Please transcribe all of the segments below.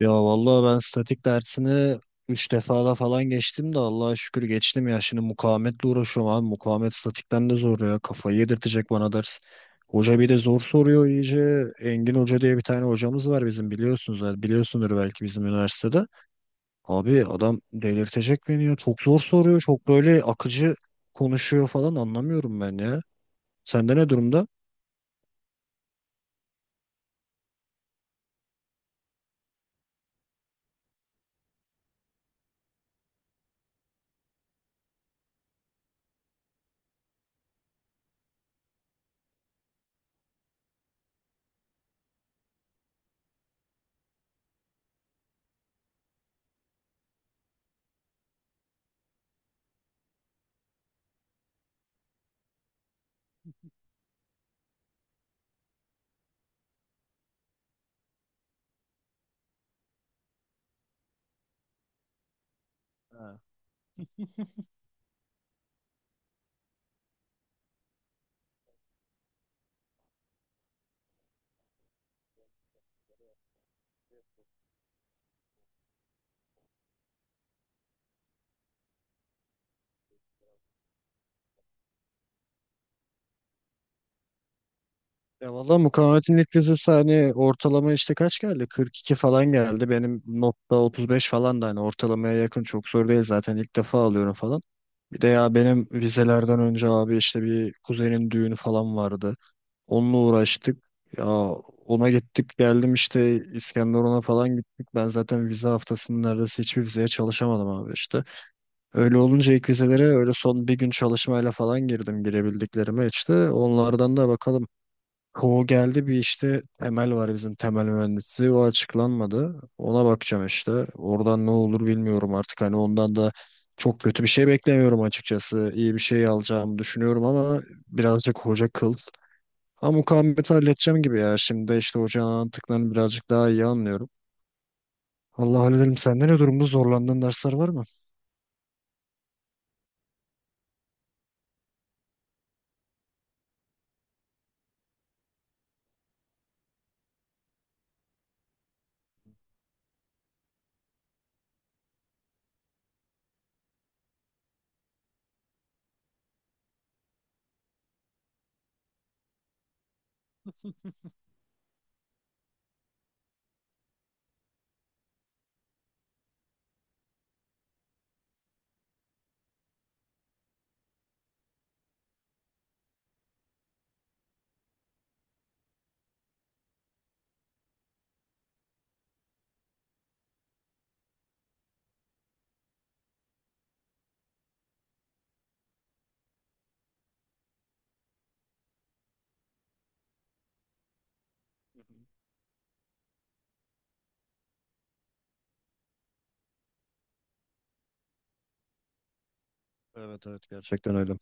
Ya vallahi ben statik dersini 3 defada falan geçtim de Allah'a şükür geçtim ya. Şimdi mukavemetle uğraşıyorum abi. Mukavemet statikten de zor ya. Kafayı yedirtecek bana ders. Hoca bir de zor soruyor iyice. Engin Hoca diye bir tane hocamız var bizim, biliyorsunuz. Yani biliyorsundur belki, bizim üniversitede. Abi adam delirtecek beni ya. Çok zor soruyor. Çok böyle akıcı konuşuyor falan, anlamıyorum ben ya. Sende ne durumda? Ya valla mukavemetin ilk vizesi hani ortalama işte kaç geldi? 42 falan geldi. Benim notta 35 falan, da hani ortalamaya yakın, çok zor değil zaten, ilk defa alıyorum falan. Bir de ya benim vizelerden önce abi işte bir kuzenin düğünü falan vardı. Onunla uğraştık. Ya ona gittik geldim işte, İskenderun'a falan gittik. Ben zaten vize haftasının neredeyse hiçbir vizeye çalışamadım abi işte. Öyle olunca ilk vizelere öyle son bir gün çalışmayla falan girdim, girebildiklerime işte. Onlardan da bakalım. Ko geldi bir işte, Temel var bizim, temel mühendisi, o açıklanmadı. Ona bakacağım işte. Oradan ne olur bilmiyorum artık, hani ondan da çok kötü bir şey beklemiyorum açıkçası. İyi bir şey alacağımı düşünüyorum ama birazcık hoca kıl. Ama mukavemeti halledeceğim gibi ya. Şimdi de işte hocanın anlattıklarını birazcık daha iyi anlıyorum. Allah hallederim. Sende ne durumda, zorlandığın dersler var mı? Evet, evet, gerçekten öyle.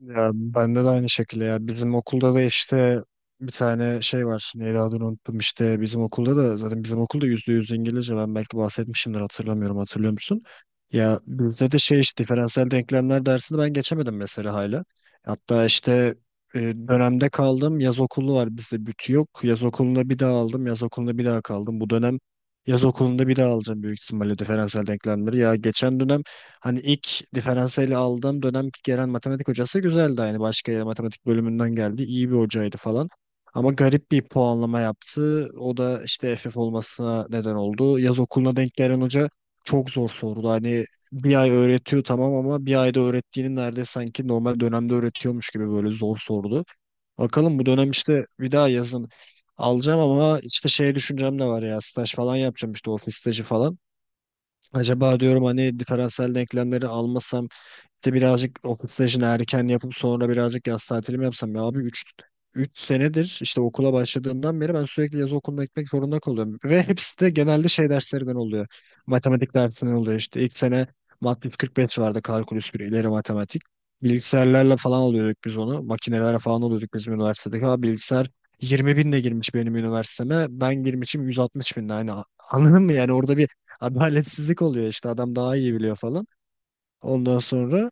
Ya bende de aynı şekilde ya. Bizim okulda da işte bir tane şey var. Neydi, adını unuttum işte. Bizim okulda da zaten, bizim okulda %100 İngilizce. Ben belki bahsetmişimdir, hatırlamıyorum. Hatırlıyor musun? Ya bizde de şey işte, diferansiyel denklemler dersini ben geçemedim mesela hala. Hatta işte dönemde kaldım. Yaz okulu var bizde, bütü yok. Yaz okulunda bir daha aldım. Yaz okulunda bir daha kaldım. Bu dönem yaz okulunda bir daha alacağım büyük ihtimalle diferansiyel denklemleri. Ya geçen dönem, hani ilk diferansiyeli aldığım dönem gelen matematik hocası güzeldi. Yani başka yer, matematik bölümünden geldi. İyi bir hocaydı falan. Ama garip bir puanlama yaptı. O da işte FF olmasına neden oldu. Yaz okuluna denk gelen hoca çok zor sordu. Hani bir ay öğretiyor, tamam, ama bir ayda öğrettiğini neredeyse sanki normal dönemde öğretiyormuş gibi böyle zor sordu. Bakalım bu dönem işte, bir daha yazın alacağım ama işte şey düşüncem de var ya, staj falan yapacağım işte, ofis stajı falan. Acaba diyorum hani diferansiyel denklemleri almasam, işte birazcık okul stajını erken yapıp sonra birazcık yaz tatilimi yapsam. Ya abi üç senedir işte okula başladığımdan beri ben sürekli yaz okuluna gitmek zorunda kalıyorum. Ve hepsi de genelde şey derslerinden oluyor. Matematik dersinden oluyor işte. İlk sene Mat yüz kırk beş vardı, kalkulüs bir, ileri matematik. Bilgisayarlarla falan alıyorduk biz onu. Makinelerle falan alıyorduk bizim üniversitedeki. Ha, bilgisayar 20 binle girmiş benim üniversiteme. Ben girmişim 160.000'le. Hani anladın mı yani, orada bir adaletsizlik oluyor işte, adam daha iyi biliyor falan. Ondan sonra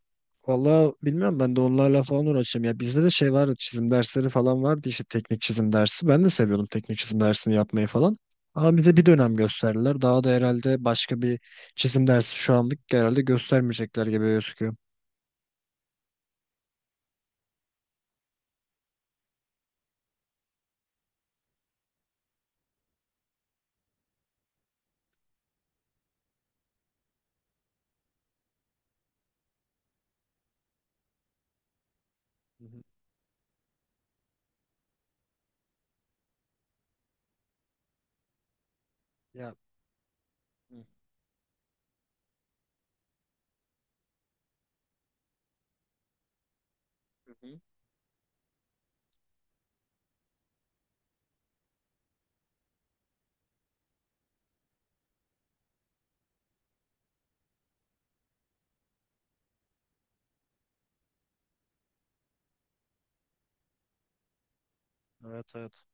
valla bilmem, ben de onlarla falan uğraşacağım. Ya bizde de şey vardı, çizim dersleri falan vardı işte, teknik çizim dersi. Ben de seviyordum teknik çizim dersini yapmayı falan. Ama bize bir dönem gösterdiler. Daha da herhalde başka bir çizim dersi şu anlık herhalde göstermeyecekler gibi gözüküyor. Hı hı. Ya. Hı hı. Evet, evet.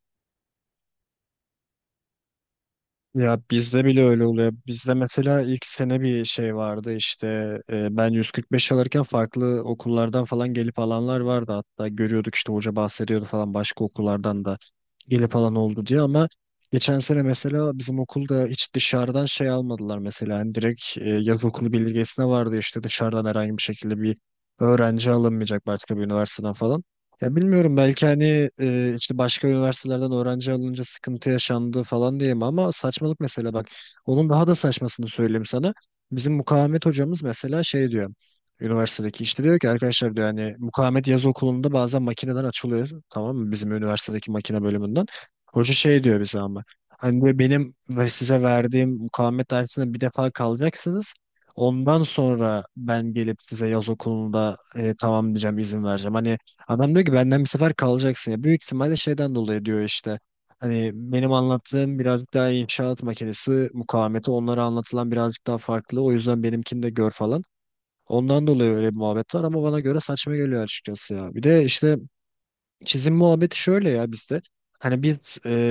Ya bizde bile öyle oluyor. Bizde mesela ilk sene bir şey vardı işte, ben 145 alırken farklı okullardan falan gelip alanlar vardı, hatta görüyorduk işte, hoca bahsediyordu falan, başka okullardan da gelip alan oldu diye. Ama geçen sene mesela bizim okulda hiç dışarıdan şey almadılar mesela, yani direkt yaz okulu bildirgesine vardı işte, dışarıdan herhangi bir şekilde bir öğrenci alınmayacak başka bir üniversiteden falan. Ya bilmiyorum, belki hani işte başka üniversitelerden öğrenci alınca sıkıntı yaşandı falan diyeyim ama saçmalık mesela. Bak, onun daha da saçmasını söyleyeyim sana. Bizim mukavemet hocamız mesela şey diyor, üniversitedeki işte, diyor ki arkadaşlar, diyor, hani mukavemet yaz okulunda bazen makineden açılıyor, tamam mı, bizim üniversitedeki makine bölümünden. Hoca şey diyor bize ama, hani diyor, benim ve size verdiğim mukavemet dersine bir defa kalacaksınız. Ondan sonra ben gelip size yaz okulunda tamam diyeceğim, izin vereceğim. Hani adam diyor ki benden bir sefer kalacaksın ya. Büyük ihtimalle şeyden dolayı diyor işte. Hani benim anlattığım birazcık daha inşaat makinesi mukavemeti, onlara anlatılan birazcık daha farklı. O yüzden benimkini de gör falan. Ondan dolayı öyle bir muhabbet var ama bana göre saçma geliyor açıkçası ya. Bir de işte çizim muhabbeti şöyle ya bizde. Hani bir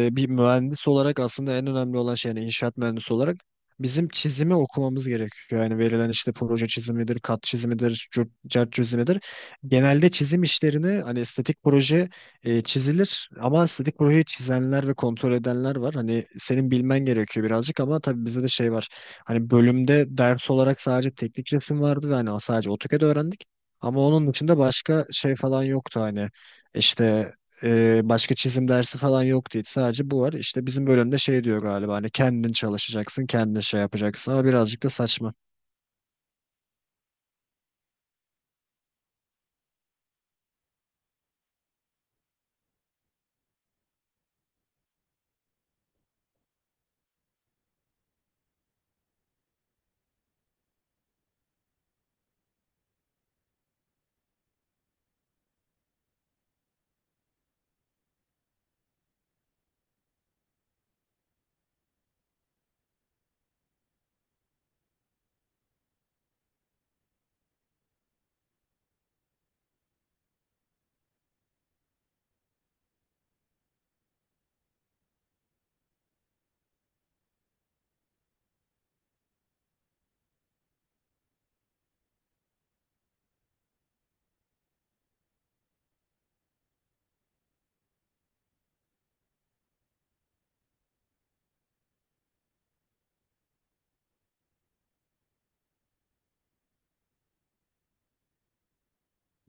e, bir mühendis olarak aslında en önemli olan şey, yani inşaat mühendisi olarak bizim çizimi okumamız gerekiyor. Yani verilen işte proje çizimidir, kat çizimidir, cürt, cart çizimidir. Genelde çizim işlerini hani estetik proje çizilir ama estetik projeyi çizenler ve kontrol edenler var. Hani senin bilmen gerekiyor birazcık ama tabii bizde de şey var. Hani bölümde ders olarak sadece teknik resim vardı ve hani sadece AutoCAD öğrendik. Ama onun dışında başka şey falan yoktu hani. İşte başka çizim dersi falan yoktu hiç. Sadece bu var. İşte bizim bölümde şey diyor galiba, hani kendin çalışacaksın, kendin şey yapacaksın ama birazcık da saçma.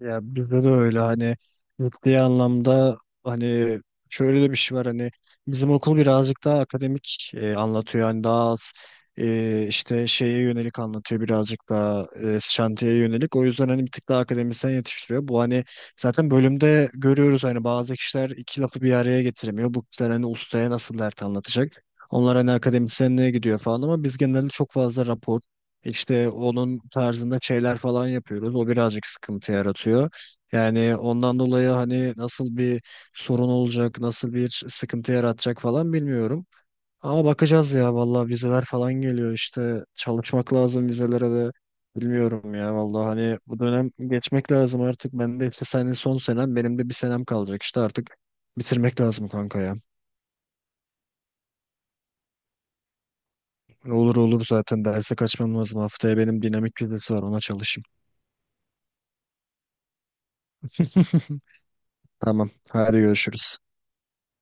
Ya bizde de öyle hani, ciddi anlamda, hani şöyle de bir şey var, hani bizim okul birazcık daha akademik anlatıyor, hani daha az işte şeye yönelik anlatıyor, birazcık daha şantiyeye yönelik. O yüzden hani bir tık daha akademisyen yetiştiriyor bu, hani zaten bölümde görüyoruz hani, bazı kişiler iki lafı bir araya getiremiyor, bu kişiler hani ustaya nasıl dert anlatacak, onlar hani akademisyenliğe gidiyor falan. Ama biz genelde çok fazla rapor işte, onun tarzında şeyler falan yapıyoruz. O birazcık sıkıntı yaratıyor. Yani ondan dolayı hani nasıl bir sorun olacak, nasıl bir sıkıntı yaratacak falan bilmiyorum. Ama bakacağız ya vallahi, vizeler falan geliyor işte, çalışmak lazım vizelere de. Bilmiyorum ya vallahi, hani bu dönem geçmek lazım artık. Ben de işte, senin son senem, benim de bir senem kalacak işte, artık bitirmek lazım kanka ya. Olur, olur, zaten derse kaçmam lazım, haftaya benim dinamik vizesi var, ona çalışayım. Tamam. Hadi görüşürüz.